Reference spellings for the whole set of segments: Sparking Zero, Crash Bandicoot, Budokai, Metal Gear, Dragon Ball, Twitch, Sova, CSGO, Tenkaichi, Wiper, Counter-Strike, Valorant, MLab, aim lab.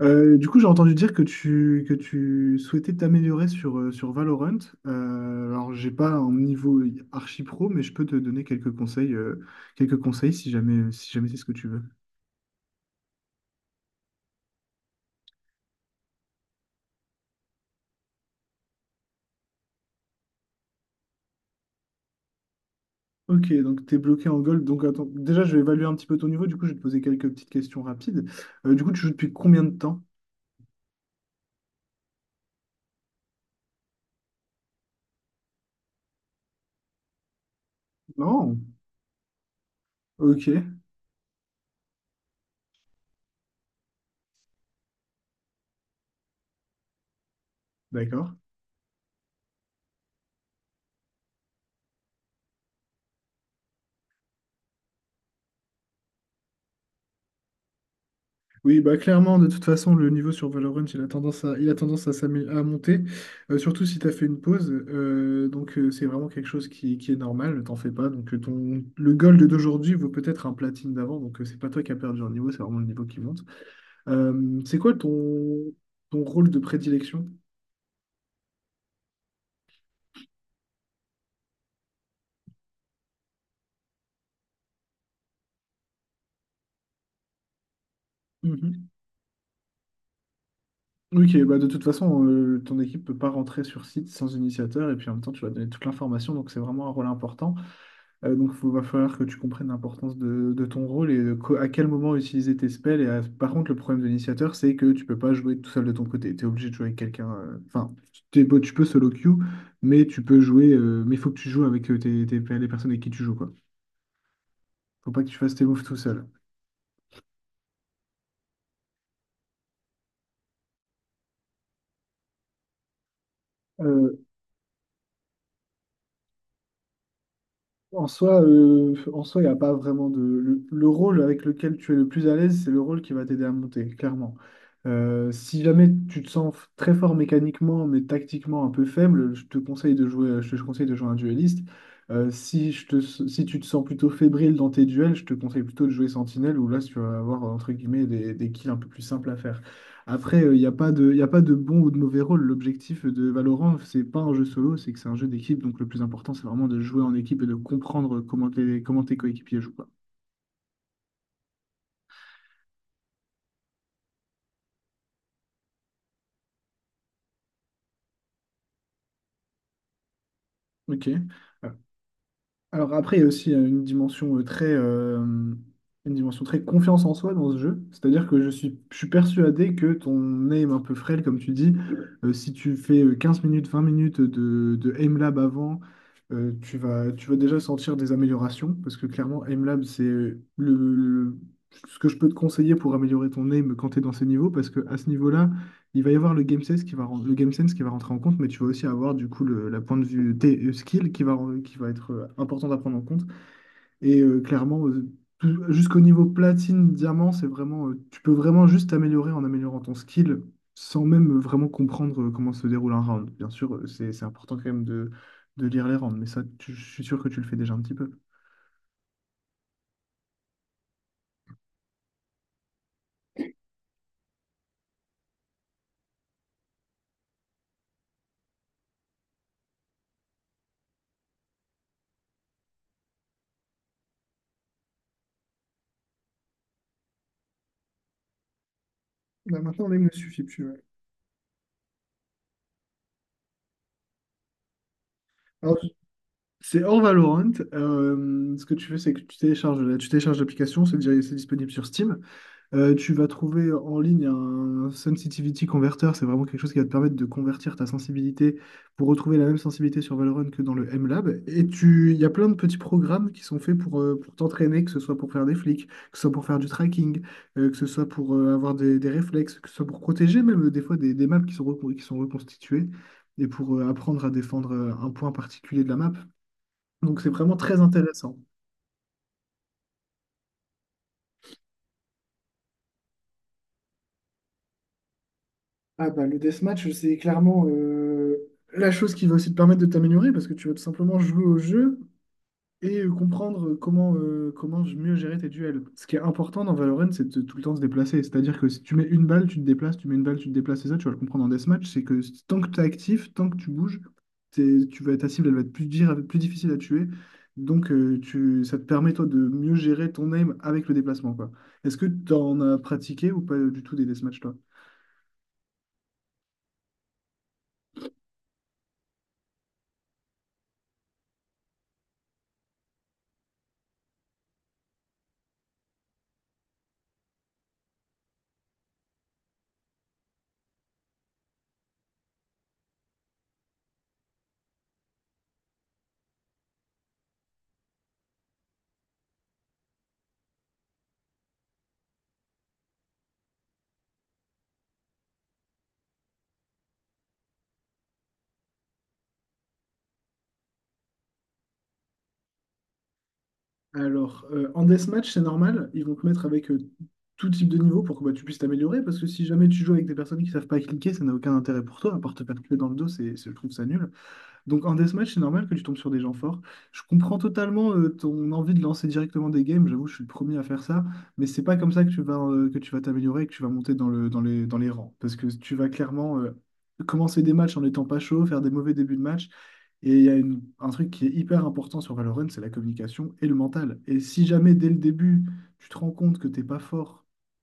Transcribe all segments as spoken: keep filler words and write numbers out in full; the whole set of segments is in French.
Euh, du coup, j'ai entendu dire que tu, que tu souhaitais t'améliorer sur, euh, sur Valorant. Euh, alors, j'ai pas un niveau archi pro, mais je peux te donner quelques conseils, euh, quelques conseils si jamais, si jamais c'est ce que tu veux. Ok, donc tu es bloqué en gold. Donc, attends, déjà, je vais évaluer un petit peu ton niveau. Du coup, je vais te poser quelques petites questions rapides. Euh, du coup, tu joues depuis combien de temps? Non. Ok, d'accord. Oui, bah clairement, de toute façon, le niveau sur Valorant, il a tendance à, il a tendance à s'amé- à monter, euh, surtout si tu as fait une pause. Euh, donc, euh, c'est vraiment quelque chose qui, qui est normal, ne t'en fais pas. Donc, euh, ton, le gold d'aujourd'hui vaut peut-être un platine d'avant, donc euh, c'est pas toi qui as perdu un niveau, c'est vraiment le niveau qui monte. Euh, c'est quoi ton, ton rôle de prédilection? Mhm. Ok, bah de toute façon, euh, ton équipe peut pas rentrer sur site sans initiateur, et puis en même temps, tu vas donner toute l'information, donc c'est vraiment un rôle important. Euh, donc, il va falloir que tu comprennes l'importance de, de ton rôle et de co- à quel moment utiliser tes spells. Et à- par contre, le problème de l'initiateur, c'est que tu peux pas jouer tout seul de ton côté. Tu es obligé de jouer avec quelqu'un. euh, Enfin, t'es beau- tu peux solo queue, mais tu peux jouer. Euh, mais il faut que tu joues avec euh, tes, tes- les personnes avec qui tu joues, quoi. Faut pas que tu fasses tes moves tout seul. Euh, En soi, euh, en soi, il n'y a pas vraiment de... Le, le rôle avec lequel tu es le plus à l'aise, c'est le rôle qui va t'aider à monter, clairement. Euh, si jamais tu te sens f- très fort mécaniquement, mais tactiquement un peu faible, je te conseille de jouer, je te conseille de jouer un dueliste. Euh, si, je te, si tu te sens plutôt fébrile dans tes duels, je te conseille plutôt de jouer Sentinelle, où là, tu vas avoir, entre guillemets, des, des kills un peu plus simples à faire. Après, il n'y a pas de, y a pas de bon ou de mauvais rôle. L'objectif de Valorant, c'est pas un jeu solo, c'est que c'est un jeu d'équipe. Donc le plus important, c'est vraiment de jouer en équipe et de comprendre comment tes, comment tes coéquipiers jouent, quoi. Ok. Alors après, il y a aussi euh, une dimension euh, très, euh, une dimension très confiance en soi dans ce jeu. C'est-à-dire que je suis, je suis persuadé que ton aim un peu frêle, comme tu dis, euh, si tu fais euh, quinze minutes, vingt minutes de, de aim lab avant, euh, tu vas, tu vas déjà sentir des améliorations. Parce que clairement, aim lab, c'est euh, le, le- ce que je peux te conseiller pour améliorer ton aim quand tu es dans ces niveaux. Parce que à ce niveau-là, il va y avoir le game sense qui va, ren- le game sense qui va rentrer en compte, mais tu vas aussi avoir du coup le, la point de vue T- euh, skill qui va, ren- qui va être euh, important à prendre en compte. Et euh, clairement, euh, tout- jusqu'au niveau platine, diamant, c'est vraiment, euh, tu peux vraiment juste t'améliorer en améliorant ton skill sans même vraiment comprendre euh, comment se déroule un round. Bien sûr, euh, c'est, c'est important quand même de, de lire les rounds, mais ça, tu- je suis sûr que tu le fais déjà un petit peu. Bah, maintenant, là, il me suffit plus. Ouais. Alors, c'est hors Valorant. Euh, ce que tu fais, c'est que tu télécharges, la- tu télécharges l'application, c'est déjà, c'est disponible sur Steam. Euh, tu vas trouver en ligne un sensitivity converter, c'est vraiment quelque chose qui va te permettre de convertir ta sensibilité pour retrouver la même sensibilité sur Valorant que dans le MLab. Et tu, il y a plein de petits programmes qui sont faits pour, euh, pour t'entraîner, que ce soit pour faire des flics, que ce soit pour faire du tracking, euh, que ce soit pour euh, avoir des, des réflexes, que ce soit pour protéger même euh, des fois des, des maps qui sont, recon- qui sont reconstituées et pour euh, apprendre à défendre euh, un point particulier de la map. Donc c'est vraiment très intéressant. Ah bah le deathmatch, c'est clairement euh, la chose qui va aussi te permettre de t'améliorer parce que tu vas tout simplement jouer au jeu et euh, comprendre euh, comment, euh, comment mieux gérer tes duels. Ce qui est important dans Valorant, c'est de tout le temps se déplacer. C'est-à-dire que si tu mets une balle, tu te déplaces, tu mets une balle, tu te déplaces, et ça, tu vas le comprendre en deathmatch, c'est que si, tant que tu es actif, tant que tu bouges, t'es- tu vas, ta cible, elle va être plus, dire, plus difficile à tuer. Donc euh, tu, ça te permet toi de mieux gérer ton aim avec le déplacement, quoi. Est-ce que tu en as pratiqué ou pas du tout des deathmatchs, toi? Alors, euh, en deathmatch, c'est normal, ils vont te mettre avec euh, tout type de niveau pour que bah, tu puisses t'améliorer, parce que si jamais tu joues avec des personnes qui savent pas cliquer, ça n'a aucun intérêt pour toi, à part te faire tuer dans le dos, c'est, c'est- je trouve ça nul. Donc en deathmatch, c'est normal que tu tombes sur des gens forts. Je comprends totalement euh, ton envie de lancer directement des games, j'avoue, je suis le premier à faire ça, mais c'est pas comme ça que tu vas euh, que tu vas t'améliorer, et que tu vas monter dans le, dans les, dans les rangs, parce que tu vas clairement... euh, Commencer des matchs en n'étant pas chaud, faire des mauvais débuts de match, et il y a une- un truc qui est hyper important sur Valorant, c'est la communication et le mental. Et si jamais dès le début, tu te rends compte que t'es pas fort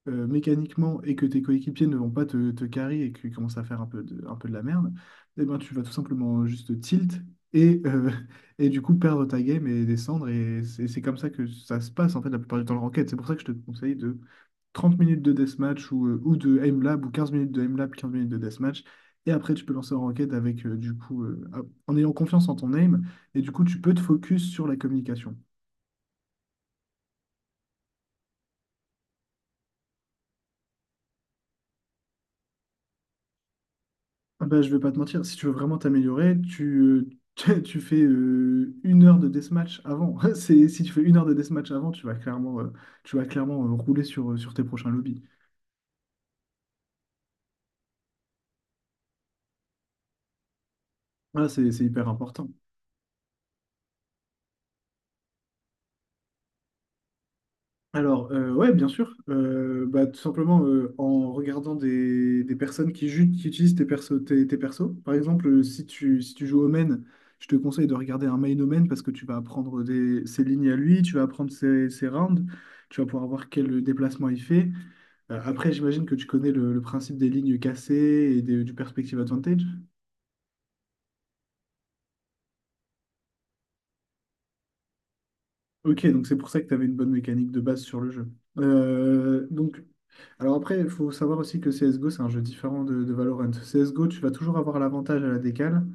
euh, mécaniquement et que tes coéquipiers ne vont pas te, te carry et qu'ils commencent à faire un peu de, un peu de la merde, eh ben tu vas tout simplement juste tilt et, euh, et du coup perdre ta game et descendre. Et c'est c'est comme ça que ça se passe en fait la plupart du temps le ranked. C'est pour ça que je te conseille de trente minutes de deathmatch ou, euh, ou de aimlab ou quinze minutes de aimlab, quinze minutes de deathmatch. Et après, tu peux lancer en ranked avec, euh, du coup, euh, ah, en ayant confiance en ton aim. Et du coup, tu peux te focus sur la communication. Ah bah, je vais pas te mentir, si tu veux vraiment t'améliorer, tu, euh, tu tu fais euh, une heure de deathmatch avant. C'est, si tu fais une heure de deathmatch avant, tu vas clairement, euh, tu vas clairement euh, rouler sur, euh, sur tes prochains lobbies. Voilà, c'est c'est hyper important. Alors, euh, ouais, bien sûr. Euh, bah, tout simplement euh, en regardant des, des personnes qui, ju- qui utilisent tes persos, tes, tes persos. Par exemple, euh, si tu, si tu joues au je te conseille de regarder un main au parce que tu vas apprendre des, ses lignes à lui, tu vas apprendre ses, ses rounds, tu vas pouvoir voir quel déplacement il fait. Euh, après, j'imagine que tu connais le, le principe des lignes cassées et des- du perspective advantage. Ok, donc c'est pour ça que tu avais une bonne mécanique de base sur le jeu. Euh, donc, Alors après, il faut savoir aussi que C S G O, c'est un jeu différent de, de Valorant. C S G O, tu vas toujours avoir l'avantage à la décale,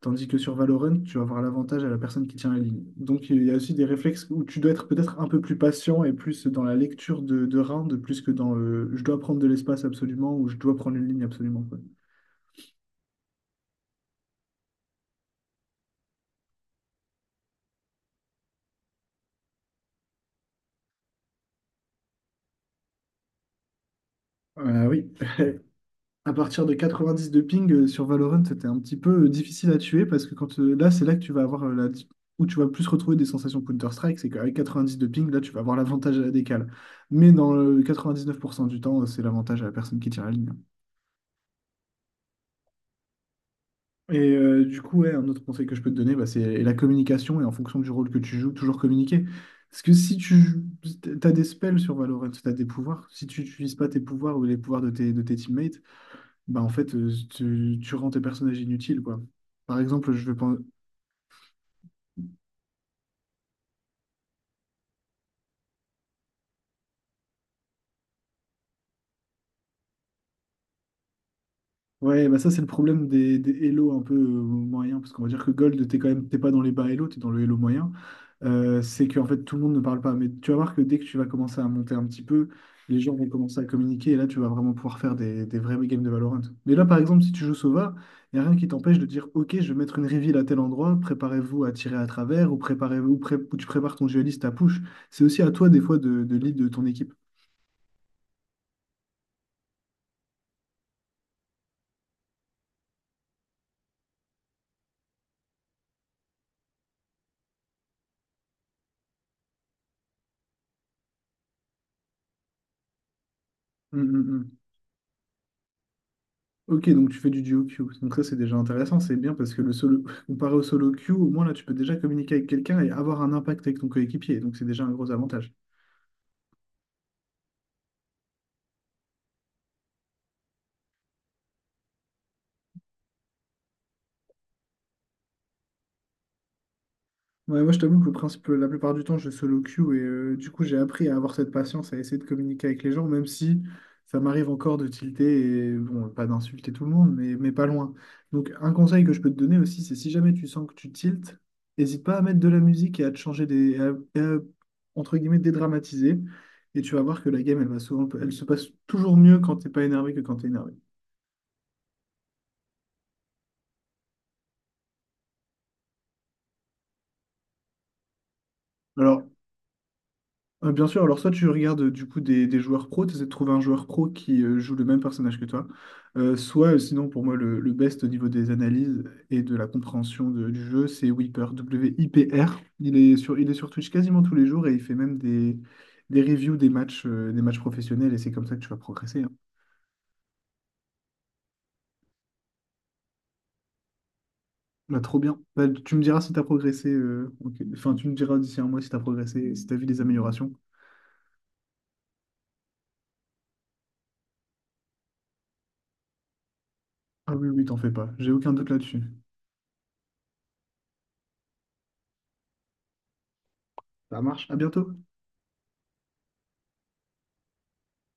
tandis que sur Valorant, tu vas avoir l'avantage à la personne qui tient la ligne. Donc il y a aussi des réflexes où tu dois être peut-être un peu plus patient et plus dans la lecture de, de round, plus que dans le je dois prendre de l'espace absolument ou je dois prendre une ligne absolument, quoi. Euh, oui, à partir de quatre-vingt-dix de ping euh, sur Valorant, c'était un petit peu euh, difficile à tuer parce que quand euh, là, c'est là que tu vas avoir euh, la, où tu vas plus retrouver des sensations Counter-Strike, c'est qu'avec quatre-vingt-dix de ping, là, tu vas avoir l'avantage à la décale. Mais dans le quatre-vingt-dix-neuf pour cent du temps, euh, c'est l'avantage à la personne qui tire la ligne. Et euh, du coup, ouais, un autre conseil que je peux te donner, bah, c'est la communication et en fonction du rôle que tu joues, toujours communiquer. Parce que si tu as des spells sur Valorant, tu as des pouvoirs, si tu n'utilises pas tes pouvoirs ou les pouvoirs de tes, de tes teammates, bah en fait, euh, tu, tu rends tes personnages inutiles, quoi. Par exemple, je vais prendre... Ouais, bah ça, c'est le problème des, des Hello un peu euh, moyens, parce qu'on va dire que Gold, t'es quand même, t'es pas dans les bas Hello, t'es dans le Hello moyen. Euh, c'est qu'en fait, tout le monde ne parle pas. Mais tu vas voir que dès que tu vas commencer à monter un petit peu, les gens vont commencer à communiquer, et là, tu vas vraiment pouvoir faire des, des vrais games de Valorant. Mais là, par exemple, si tu joues Sova, il n'y a rien qui t'empêche de dire, OK, je vais mettre une reveal à tel endroit, préparez-vous à tirer à travers, ou préparez-vous, pré- ou tu prépares ton dueliste à push. C'est aussi à toi, des fois, de, de lead de ton équipe. Mm, mm, mm. Ok, donc tu fais du duo queue. Donc ça, c'est déjà intéressant, c'est bien parce que le solo, comparé au solo queue, au moins là, tu peux déjà communiquer avec quelqu'un et avoir un impact avec ton coéquipier. Donc c'est déjà un gros avantage. Ouais, moi, je t'avoue que le principe, euh, la plupart du temps, je solo queue et euh, du coup, j'ai appris à avoir cette patience, à essayer de communiquer avec les gens, même si ça m'arrive encore de tilter et bon, pas d'insulter tout le monde, mais, mais pas loin. Donc, un conseil que je peux te donner aussi, c'est si jamais tu sens que tu tiltes, n'hésite pas à mettre de la musique et à te changer des, et à, et à, entre guillemets, dédramatiser. Et tu vas voir que la game, elle va souvent, elle se passe toujours mieux quand t'es pas énervé que quand t'es énervé. Alors, Euh, bien sûr, alors soit tu regardes euh, du coup des, des joueurs pro, tu essaies de trouver un joueur pro qui euh, joue le même personnage que toi, Euh, soit euh, sinon pour moi le, le best au niveau des analyses et de la compréhension de- du jeu, c'est Wiper, W-I-P-R. Il est sur, il est sur Twitch quasiment tous les jours et il fait même des, des reviews des matchs, euh, des matchs professionnels et c'est comme ça que tu vas progresser, hein. Bah, trop bien. Bah, tu me diras si tu as progressé, euh, ok. Enfin tu me diras d'ici un mois si tu as progressé, si tu as vu des améliorations. Ah oui, oui, t'en fais pas, j'ai aucun doute là-dessus. Ça marche, à bientôt.